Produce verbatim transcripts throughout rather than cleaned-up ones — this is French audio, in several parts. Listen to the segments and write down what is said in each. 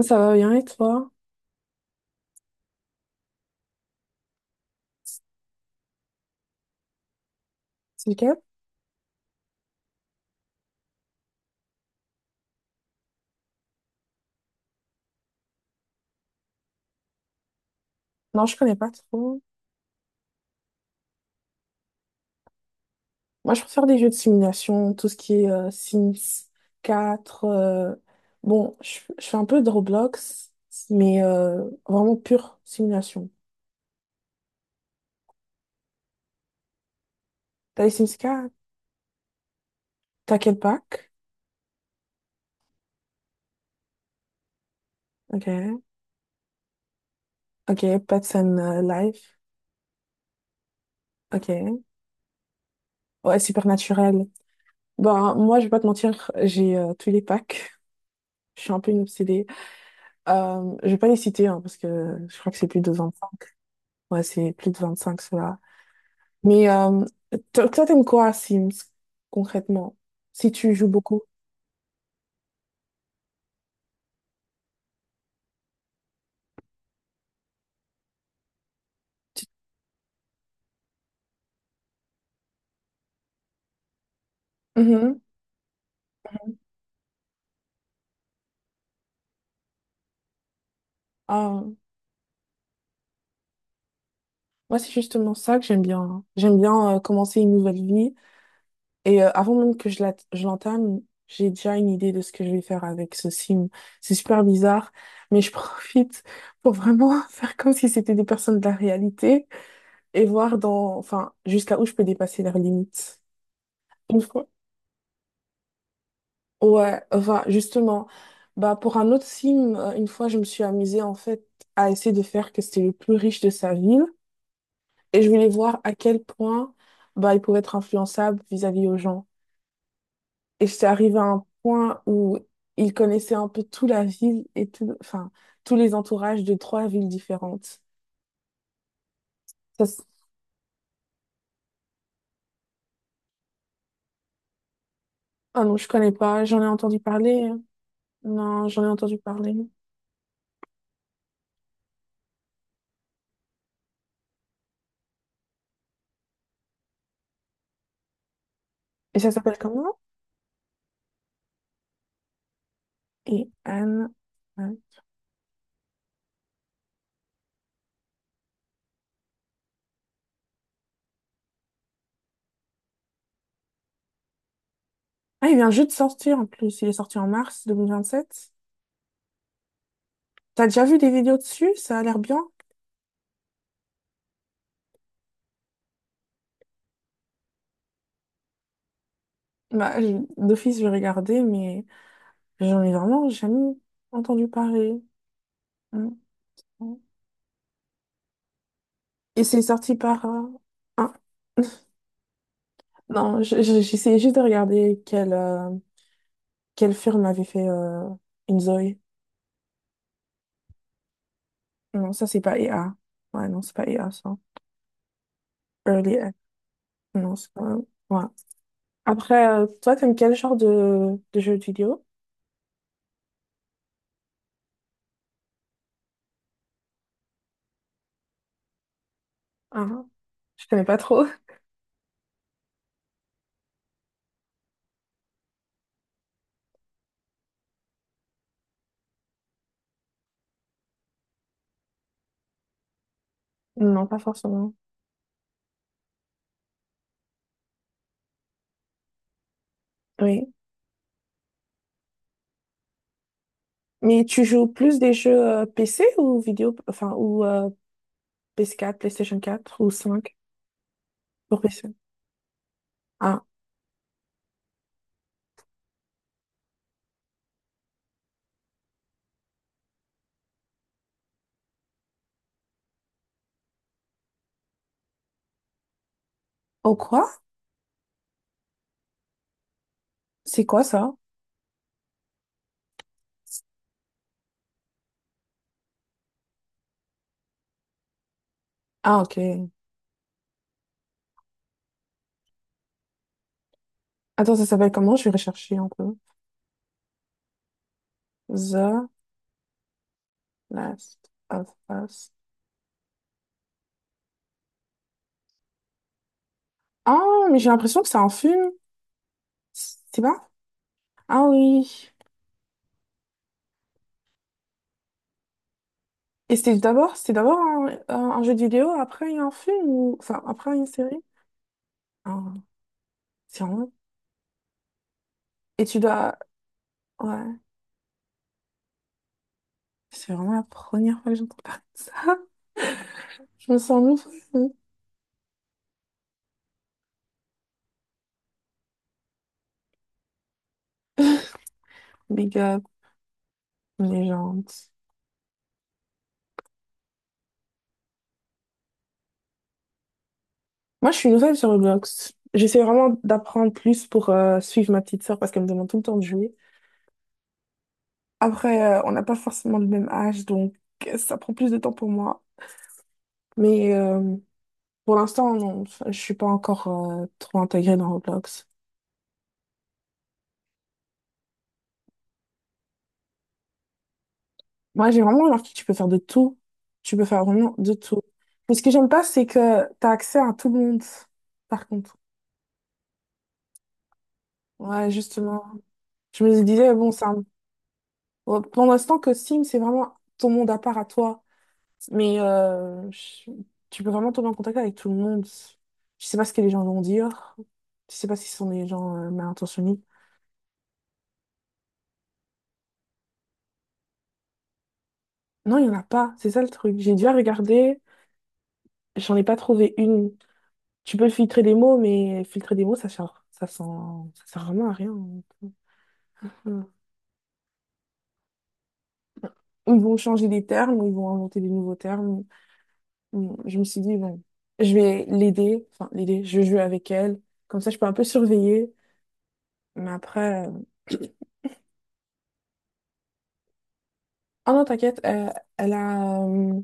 Ça va bien et toi? C'est lequel? Non, je connais pas trop. Moi, je préfère des jeux de simulation, tout ce qui est euh, Sims quatre euh, bon, je, je fais un peu de Roblox, mais euh, vraiment pure simulation. T'as les Sims quatre. T'as quel pack? Ok. Ok, Pets and euh, Life. Ok. Ouais, Supernaturel. Bah, moi, je vais pas te mentir, j'ai euh, tous les packs. Je suis un peu une obsédée. Euh, je vais pas les citer, hein, parce que je crois que c'est plus de vingt cinq. Ouais, c'est plus de vingt-cinq, ceux-là. Mais euh, toi, toi, t'aimes quoi à Sims, concrètement? Si tu joues beaucoup. Tu- Mhm. Ah, moi, c'est justement ça que j'aime bien, hein. J'aime bien euh, commencer une nouvelle vie. Et euh, avant même que je la- je l'entame, j'ai déjà une idée de ce que je vais faire avec ce sim. C'est super bizarre, mais je profite pour vraiment faire comme si c'était des personnes de la réalité et voir dans, enfin, jusqu'à où je peux dépasser leurs limites. Une fois, ouais, enfin, justement, bah, pour un autre film, euh, une fois, je me suis amusée, en fait, à essayer de faire que c'était le plus riche de sa ville. Et je voulais voir à quel point, bah, il pouvait être influençable vis-à-vis aux gens. Et j'étais arrivée à un point où il connaissait un peu toute la ville et tout, enfin, tous les entourages de trois villes différentes. Ça, s- ah non, je connais pas. J'en ai entendu parler, hein. Non, j'en ai entendu parler. Et ça s'appelle comment? Et Anne. Ah, il vient juste de sortir en plus. Il est sorti en mars deux mille vingt sept. T'as déjà vu des vidéos dessus? Ça a l'air bien. Bah, je- d'office, je vais regarder, mais j'en ai vraiment jamais entendu parler. Mm. Mm. Et c'est sorti par. euh, un- Non, je- je- j'essayais juste de regarder quel, euh, quel film avait fait euh, Inzoï. Non, ça, c'est pas E A. Ouais, non, c'est pas E A, ça. Early Act. Non, c'est pas. Ouais. Après, euh, toi, t'aimes quel genre de, de jeux vidéo? Ah, je connais pas trop. Non, pas forcément. Oui. Mais tu joues plus des jeux euh, P C ou vidéo, enfin, ou euh, p s quatre PlayStation quatre ou cinq pour P C? Ah, oh quoi? C'est quoi ça? Ah, ok. Attends, ça s'appelle comment? Je vais rechercher un peu. The Last of Us. Ah, mais j'ai l'impression que c'est un film. C'est pas? Ah oui. Et c'était d'abord, c'était d'abord un, un- un jeu de vidéo, après il y a un film ou, enfin, après une série? Ah, c'est vrai. Et tu dois, ouais. C'est vraiment la première fois que j'entends parler de ça. Je me sens nouveau. Big up, légende. Moi, je suis nouvelle sur Roblox. J'essaie vraiment d'apprendre plus pour euh, suivre ma petite sœur parce qu'elle me demande tout le temps de jouer. Après, euh, on n'a pas forcément le même âge, donc euh, ça prend plus de temps pour moi. Mais euh, pour l'instant, non, je suis pas encore euh, trop intégrée dans Roblox. Moi, j'ai vraiment remarqué que tu peux faire de tout. Tu peux faire vraiment de tout. Mais ce que j'aime pas, c'est que tu as accès à tout le monde, par contre. Ouais, justement. Je me disais, bon, c'est un- bon, pour l'instant que Steam, c'est vraiment ton monde à part à toi. Mais euh, je- tu peux vraiment tomber en contact avec tout le monde. Je sais pas ce que les gens vont dire. Je sais pas si ce sont des gens euh, mal intentionnés. Non, il y en a pas. C'est ça le truc. J'ai dû regarder. J'en ai pas trouvé une. Tu peux filtrer des mots, mais filtrer des mots, ça sert, ça sent, ça sert vraiment à rien. Ils vont changer des termes, ils vont inventer des nouveaux termes. Bon, je me suis dit, bon, je vais l'aider, enfin l'aider, je vais jouer avec elle, comme ça je peux un peu surveiller. Mais après, euh, ah non, t'inquiète, euh, elle a, euh,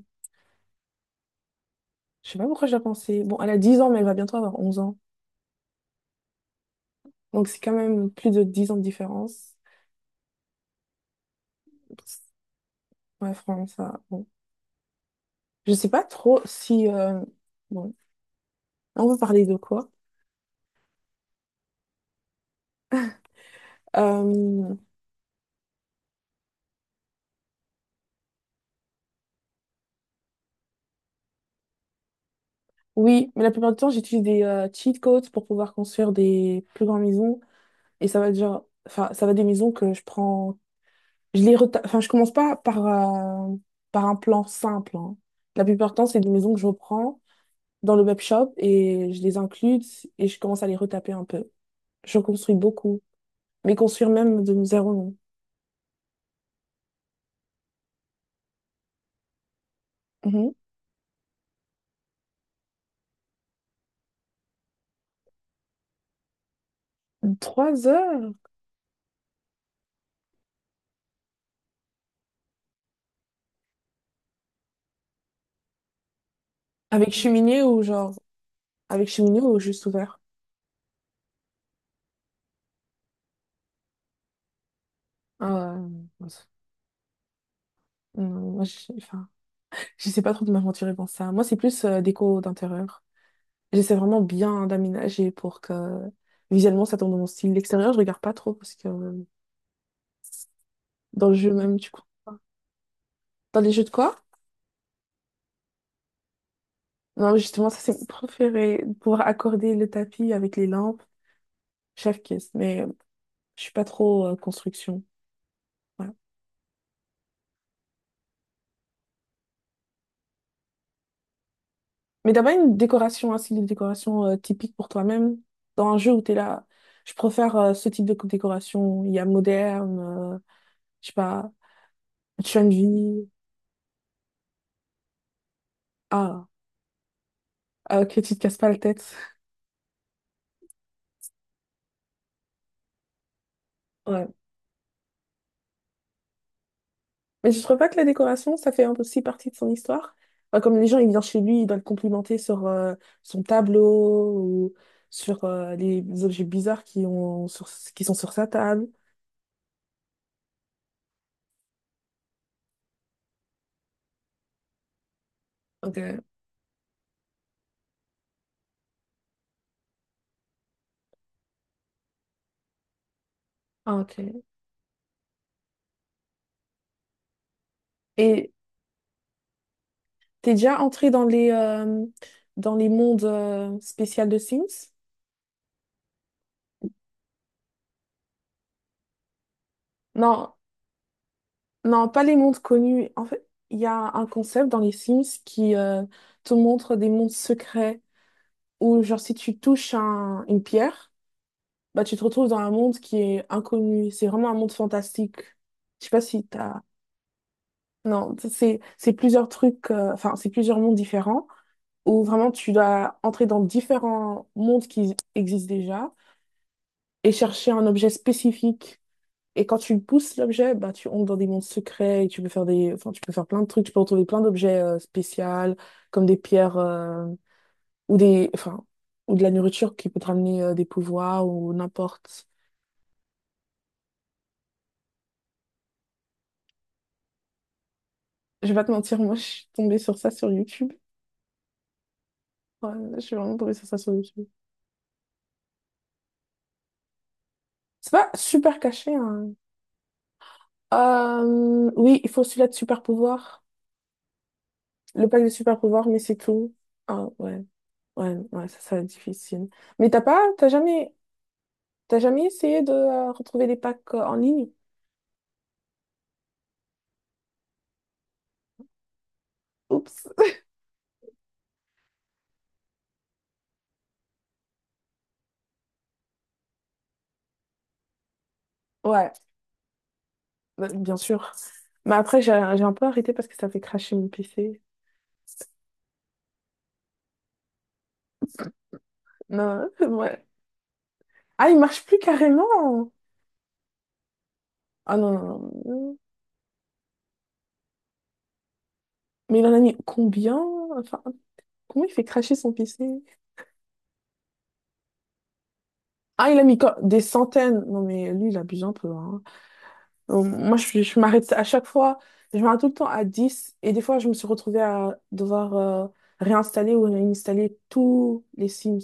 je sais pas pourquoi je l'ai pensé, bon, elle a dix ans, mais elle va bientôt avoir onze ans. Donc c'est quand même plus de dix ans de différence. Ouais, franchement, ça, bon. Je sais pas trop si, euh, bon, on veut parler de quoi? Euh, oui, mais la plupart du temps, j'utilise des euh, cheat codes pour pouvoir construire des plus grandes maisons. Et ça va être genre, enfin, ça va être des maisons que je prends. Je les reta- enfin, je commence pas par, euh, par un plan simple, hein. La plupart du temps, c'est des maisons que je reprends dans le web shop et je les inclus et je commence à les retaper un peu. Je construis beaucoup, mais construire même de zéro, non. Mhm. Trois heures? Avec cheminée ou genre, avec cheminée ou juste ouvert? Ah, ouais. Non, moi, je, enfin, je sais pas trop de m'aventurer dans ça. Moi, c'est plus euh, déco d'intérieur. J'essaie vraiment bien d'aménager pour que visuellement ça tombe dans mon style. L'extérieur, je regarde pas trop parce que dans le jeu même, du coup. Dans les jeux de quoi? Non, justement, ça c'est mon préféré. Pouvoir accorder le tapis avec les lampes. Chef kiss. Mais euh, je suis pas trop euh, construction. Voilà. Mais d'abord, une décoration, hein, c'est une décoration euh, typique pour toi-même. Dans un jeu où t'es là, je préfère euh, ce type de décoration. Il y a moderne, euh, je sais pas, train de vie. Ah, euh, que tu te casses pas la tête. Mais je trouve pas que la décoration, ça fait un peu aussi partie de son histoire. Enfin, comme les gens, ils viennent chez lui, ils doivent le complimenter sur euh, son tableau ou sur euh, les objets bizarres qui ont sur, qui sont sur sa table. Ok. Ah, ok. Et t'es déjà entré dans les, euh, dans les mondes euh, spéciaux de Sims? Non, non, pas les mondes connus. En fait, il y a un concept dans les Sims qui euh, te montre des mondes secrets où, genre, si tu touches un- une pierre, bah, tu te retrouves dans un monde qui est inconnu. C'est vraiment un monde fantastique. Je sais pas si t'as. Non, t- c'est c'est plusieurs trucs, euh, enfin, c'est plusieurs mondes différents où vraiment tu dois entrer dans différents mondes qui existent déjà et chercher un objet spécifique. Et quand tu pousses l'objet, bah, tu entres dans des mondes secrets et tu peux faire des, enfin, tu peux faire plein de trucs. Tu peux retrouver plein d'objets euh, spéciaux comme des pierres euh, ou des, enfin, ou de la nourriture qui peut te ramener euh, des pouvoirs ou n'importe. Je vais pas te mentir, moi, je suis tombée sur ça sur YouTube. Ouais, je suis vraiment tombée sur ça sur YouTube. C'est pas super caché, hein. Euh, oui, il faut celui-là de super pouvoir. Le pack de super pouvoir, mais c'est tout. Ah, ouais. Ouais, ouais, ça, ça va être difficile. Mais t'as pas, t'as jamais, t'as jamais essayé de euh, retrouver les packs euh, en ligne? Oups. Ouais, bah, bien sûr. Mais après, j'ai j'ai un peu arrêté parce que ça fait crasher mon P C. Non, ouais. Ah, il marche plus carrément. Ah non, non, non. Mais il en a mis combien? Enfin, comment il fait cracher son P C? Ah, il a mis co- des centaines. Non, mais lui, il abuse un peu, hein. Euh, moi, je, je m'arrête à chaque fois. Je m'arrête tout le temps à dix. Et des fois, je me suis retrouvée à devoir euh, réinstaller ou réinstaller tous les Sims.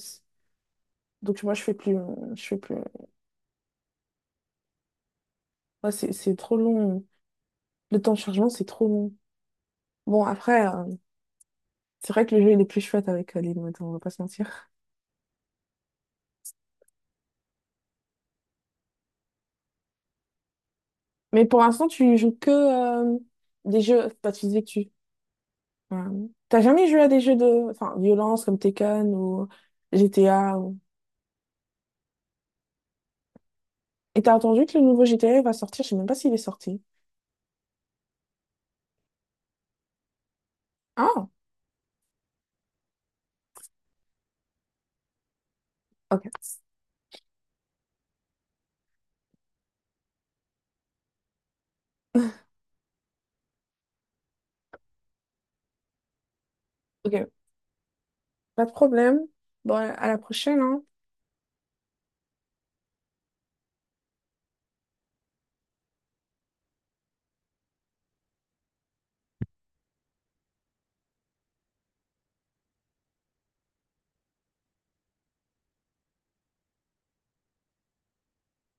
Donc, moi, je fais plus. Je fais plus. Ouais, c'est, c'est trop long. Le temps de chargement, c'est trop long. Bon, après, euh, c'est vrai que le jeu, il est plus chouette avec euh, les modes, on va pas se mentir. Mais pour l'instant, tu joues que euh, des jeux. Bah, tu disais que tu. Ouais. T'as jamais joué à des jeux de enfin, violence comme Tekken ou G T A ou. Et t'as entendu que le nouveau G T A va sortir, je sais même pas s'il est sorti. Ah, ok. Ok, pas de problème. Bon, à la prochaine, hein.